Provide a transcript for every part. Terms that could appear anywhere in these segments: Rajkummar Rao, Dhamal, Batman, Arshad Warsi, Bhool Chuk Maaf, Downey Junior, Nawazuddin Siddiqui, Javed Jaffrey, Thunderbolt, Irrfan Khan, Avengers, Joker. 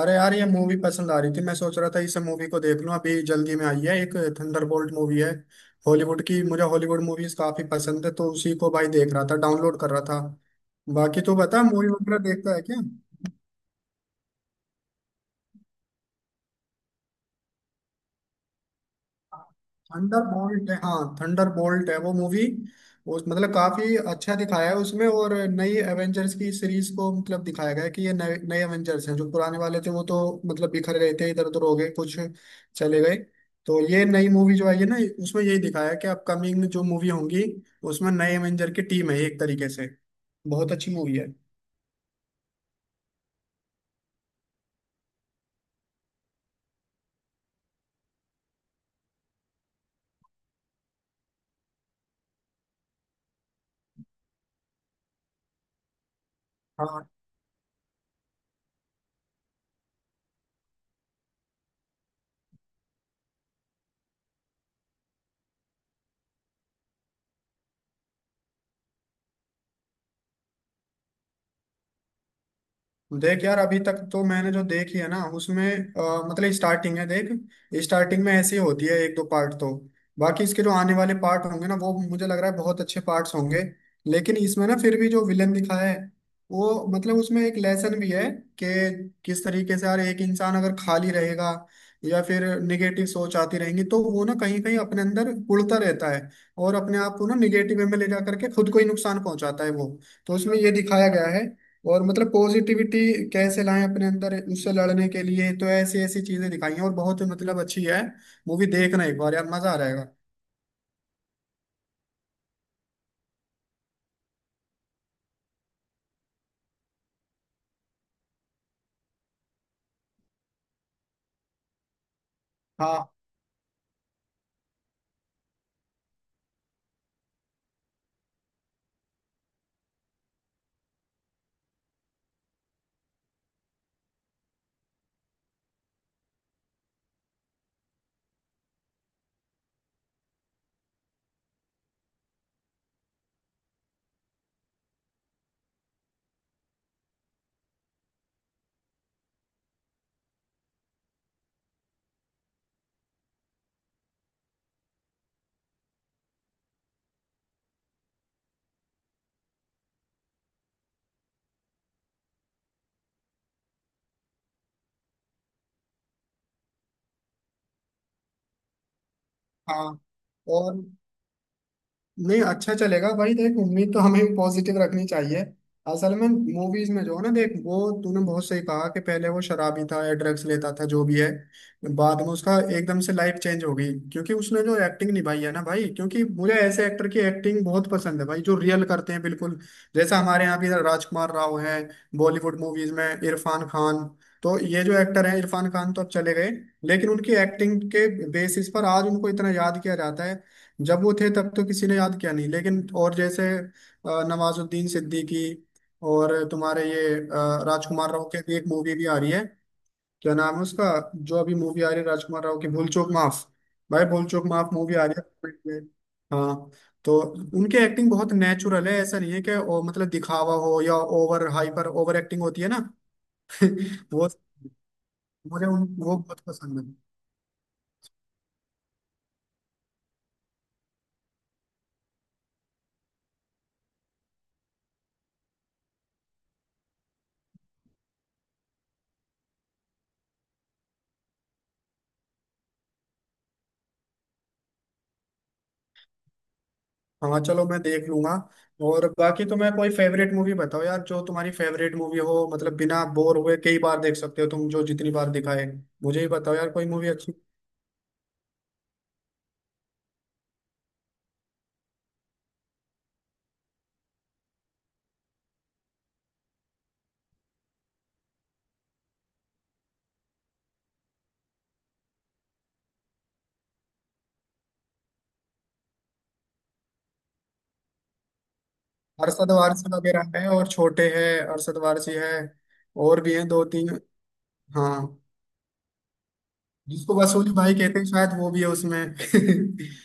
अरे यार ये मूवी पसंद आ रही थी। मैं सोच रहा था इस मूवी को देख लूं। अभी जल्दी में आई है एक थंडरबोल्ट मूवी है हॉलीवुड की। मुझे हॉलीवुड मूवीज काफी पसंद है, तो उसी को भाई देख रहा था, डाउनलोड कर रहा था। बाकी तू बता मूवी वगैरह देखता है क्या? थंडर बोल्ट है, हाँ थंडर बोल्ट है वो मूवी। वो मतलब काफी अच्छा दिखाया है उसमें, और नई एवेंजर्स की सीरीज को मतलब दिखाया गया है कि ये नए नए एवेंजर्स हैं, जो पुराने वाले थे वो तो मतलब बिखर गए थे, इधर उधर हो गए, कुछ चले गए। तो ये नई मूवी जो आई है ना, उसमें यही दिखाया है कि अपकमिंग जो मूवी होंगी उसमें नए एवेंजर की टीम है एक तरीके से। बहुत अच्छी मूवी है। हाँ। देख यार, अभी तक तो मैंने जो देखी है ना उसमें मतलब स्टार्टिंग है देख। स्टार्टिंग में ऐसी होती है एक दो पार्ट तो। बाकी इसके जो आने वाले पार्ट होंगे ना वो मुझे लग रहा है बहुत अच्छे पार्ट्स होंगे। लेकिन इसमें ना फिर भी जो विलन दिखाया है वो मतलब उसमें एक लेसन भी है, कि किस तरीके से यार एक इंसान अगर खाली रहेगा या फिर निगेटिव सोच आती रहेंगी तो वो ना कहीं कहीं अपने अंदर उड़ता रहता है और अपने आप को ना निगेटिव में ले जा करके खुद को ही नुकसान पहुंचाता है वो। तो उसमें ये दिखाया गया है और मतलब पॉजिटिविटी कैसे लाएं अपने अंदर उससे लड़ने के लिए। तो ऐसी ऐसी चीजें दिखाई हैं और बहुत मतलब अच्छी है। मूवी देखना एक बार यार, मजा आ जाएगा। हाँ हाँ। और नहीं, अच्छा चलेगा भाई, देख उम्मीद तो हमें पॉजिटिव रखनी चाहिए। असल में मूवीज में जो है ना देख, वो तूने बहुत सही कहा कि पहले वो शराबी था या ड्रग्स लेता था जो भी है। बाद में उसका एकदम से लाइफ चेंज हो गई, क्योंकि उसने जो एक्टिंग निभाई है ना भाई, क्योंकि मुझे ऐसे एक्टर की एक्टिंग बहुत पसंद है भाई जो रियल करते हैं बिल्कुल। जैसा हमारे यहाँ भी राजकुमार राव हैं, बॉलीवुड मूवीज में इरफान खान। तो ये जो एक्टर हैं, इरफान खान तो अब चले गए, लेकिन उनकी एक्टिंग के बेसिस पर आज उनको इतना याद किया जाता है। जब वो थे तब तो किसी ने याद किया नहीं। लेकिन और जैसे नवाजुद्दीन सिद्दीकी, और तुम्हारे ये राजकुमार राव के भी एक मूवी भी आ रही है। क्या नाम है उसका जो अभी मूवी आ रही है राजकुमार राव की? भूल चूक माफ। भाई भूल चूक माफ मूवी आ रही है। हाँ। तो उनकी एक्टिंग बहुत नेचुरल है, ऐसा नहीं है कि मतलब दिखावा हो या ओवर हाइपर, ओवर एक्टिंग होती है ना। वो वो बहुत पसंद है। हाँ चलो मैं देख लूंगा। और बाकी तुम्हें कोई फेवरेट मूवी बताओ यार, जो तुम्हारी फेवरेट मूवी हो मतलब बिना बोर हुए कई बार देख सकते हो तुम, जो जितनी बार दिखाए। मुझे ही बताओ यार कोई मूवी अच्छी। अरशद वारसी वगैरह है और छोटे है, अरशद वारसी है और भी हैं दो तीन। हाँ, जिसको वसूली भाई कहते हैं शायद वो भी है उसमें।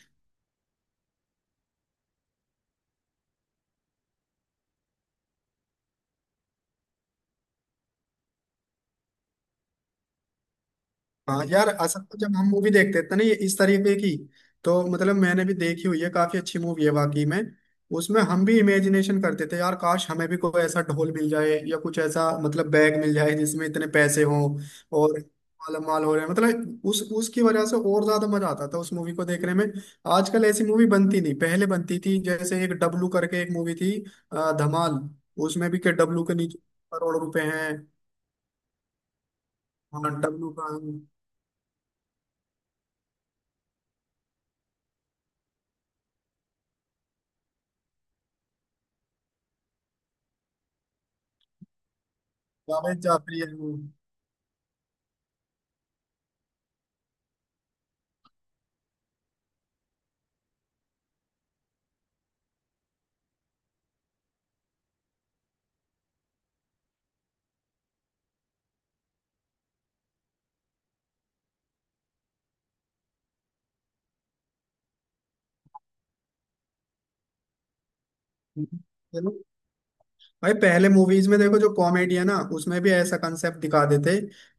हाँ यार, असल में जब हम मूवी देखते थे ना ये इस तरीके की, तो मतलब मैंने भी देखी हुई है, काफी अच्छी मूवी है वाकई में। उसमें हम भी इमेजिनेशन करते थे यार, काश हमें भी कोई ऐसा ढोल मिल जाए या कुछ ऐसा मतलब बैग मिल जाए जिसमें इतने पैसे हों और मालामाल हो रहे हैं। मतलब उस उसकी वजह से और ज्यादा मजा आता था उस मूवी को देखने में। आजकल ऐसी मूवी बनती नहीं, पहले बनती थी, जैसे एक डब्लू करके एक मूवी थी धमाल। उसमें भी के डब्लू के नीचे करोड़ रुपए हैं। हाँ डब्लू का। जावेद जाफरी है वो। चलो भाई, पहले मूवीज में देखो जो कॉमेडी है ना उसमें भी ऐसा कंसेप्ट दिखा देते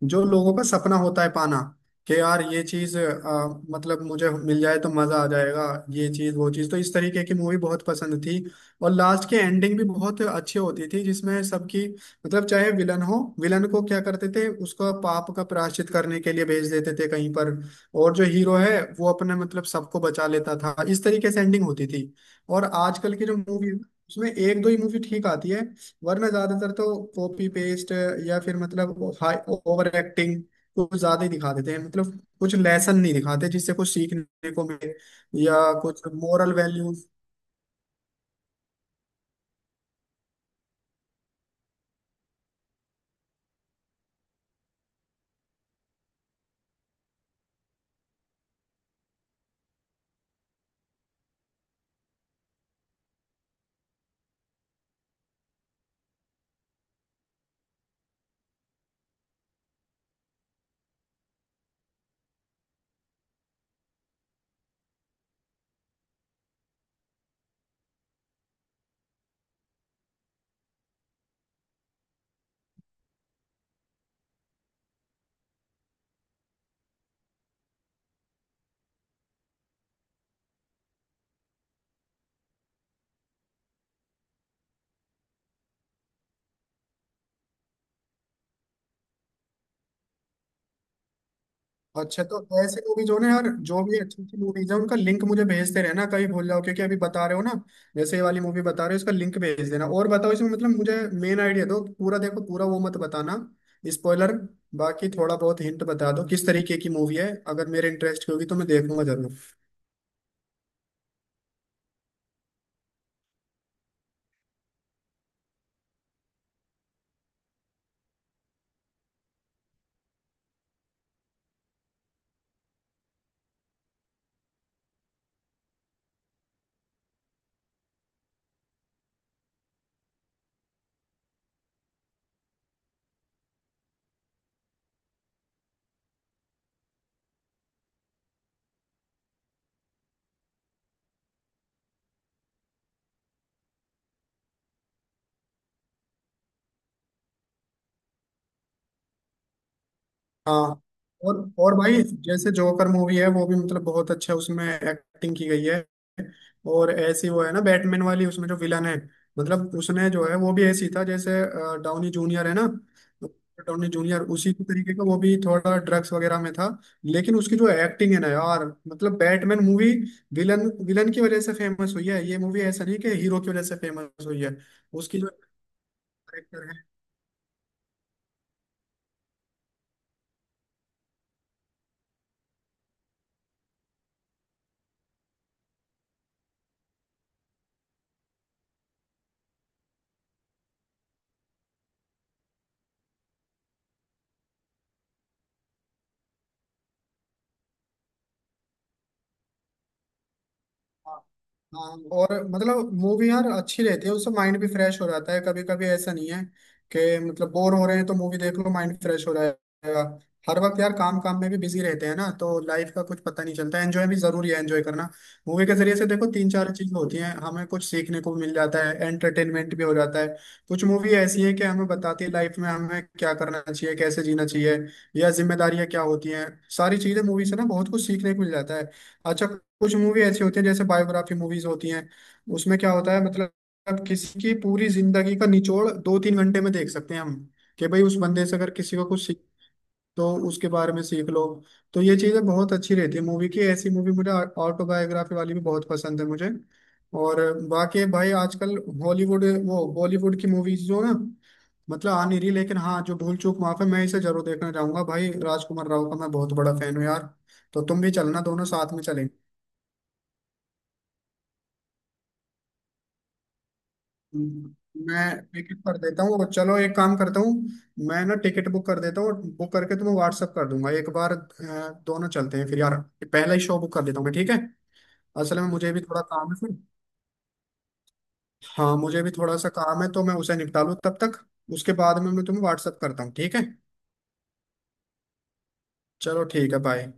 जो लोगों का सपना होता है पाना, कि यार ये चीज मतलब मुझे मिल जाए तो मजा आ जाएगा। ये चीज वो चीज, तो इस तरीके की मूवी बहुत पसंद थी। और लास्ट की एंडिंग भी बहुत अच्छी होती थी जिसमें सबकी मतलब, चाहे विलन हो, विलन को क्या करते थे उसको पाप का प्रायश्चित करने के लिए भेज देते थे कहीं पर, और जो हीरो है वो अपने मतलब सबको बचा लेता था। इस तरीके से एंडिंग होती थी। और आजकल की जो मूवी, उसमें एक दो ही मूवी ठीक आती है, वरना ज्यादातर तो कॉपी पेस्ट या फिर मतलब हाई ओवर एक्टिंग, कुछ ज्यादा ही दिखा देते हैं मतलब। कुछ लेसन नहीं दिखाते जिससे कुछ सीखने को मिले, या कुछ मोरल वैल्यूज। अच्छा, तो ऐसे मूवीज हो ना यार, जो भी अच्छी अच्छी मूवीज है उनका लिंक मुझे भेजते रहना कहीं भूल जाओ, क्योंकि अभी बता रहे हो ना। जैसे ये वाली मूवी बता रहे हो, इसका लिंक भेज देना, और बताओ इसमें मतलब मुझे मेन आइडिया दो, पूरा देखो पूरा वो मत बताना। स्पॉइलर। बाकी थोड़ा बहुत हिंट बता दो किस तरीके की मूवी है, अगर मेरे इंटरेस्ट की होगी तो मैं देखूंगा जरूर। हाँ। और और भाई, जैसे जोकर मूवी है वो भी मतलब बहुत अच्छा उसमें एक्टिंग की गई है। और ऐसी वो है ना बैटमैन वाली, उसमें जो विलन है मतलब उसने जो है वो भी ऐसी था जैसे डाउनी जूनियर है ना। डाउनी जूनियर उसी तरीके का वो भी थोड़ा ड्रग्स वगैरह में था, लेकिन उसकी जो एक्टिंग है ना यार, मतलब बैटमैन मूवी विलन विलन की वजह से फेमस हुई है ये मूवी, ऐसा नहीं कि हीरो की वजह से फेमस हुई है। उसकी जो, हाँ हाँ, और मतलब मूवी यार अच्छी रहती है, उससे माइंड भी फ्रेश हो जाता है कभी कभी। ऐसा नहीं है कि मतलब बोर हो रहे हैं तो मूवी देख लो माइंड फ्रेश हो जाएगा। हर वक्त यार काम काम में भी बिजी रहते हैं ना, तो लाइफ का कुछ पता नहीं चलता, एंजॉय भी जरूरी है एंजॉय करना। मूवी के जरिए से देखो तीन चार चीजें होती हैं, हमें कुछ सीखने को भी मिल जाता है, एंटरटेनमेंट भी हो जाता है। कुछ मूवी ऐसी है कि हमें बताती है लाइफ में हमें क्या करना चाहिए, कैसे जीना चाहिए, या जिम्मेदारियां क्या होती हैं। सारी चीजें मूवी से ना बहुत कुछ सीखने को मिल जाता है। अच्छा, कुछ मूवी ऐसी होती है जैसे बायोग्राफी मूवीज होती हैं, उसमें क्या होता है मतलब किसी की पूरी जिंदगी का निचोड़ दो तीन घंटे में देख सकते हैं हम, कि भाई उस बंदे से अगर किसी को कुछ सीख, तो उसके बारे में सीख लो। तो ये चीजें बहुत अच्छी रहती है मूवी की, ऐसी मूवी मुझे ऑटोबायोग्राफी वाली भी बहुत पसंद है मुझे। और बाकी भाई आजकल हॉलीवुड वो बॉलीवुड की मूवीज जो ना मतलब आ नहीं रही, लेकिन हाँ जो भूल चूक माफ है मैं इसे जरूर देखना चाहूंगा भाई, राजकुमार राव का मैं बहुत बड़ा फैन हूँ यार। तो तुम भी चलना, दोनों साथ में चलेंगे। मैं टिकट कर देता हूँ, और चलो एक काम करता हूँ, मैं ना टिकट बुक कर देता हूँ और बुक करके तुम्हें व्हाट्सअप कर दूंगा एक बार, दोनों चलते हैं फिर यार। पहला ही शो बुक कर देता हूँ मैं, ठीक है? असल में मुझे भी थोड़ा काम है फिर, हाँ मुझे भी थोड़ा सा काम है तो मैं उसे निपटा लूँ तब तक। उसके बाद में मैं तुम्हें व्हाट्सअप करता हूँ, ठीक है? चलो ठीक है, बाय।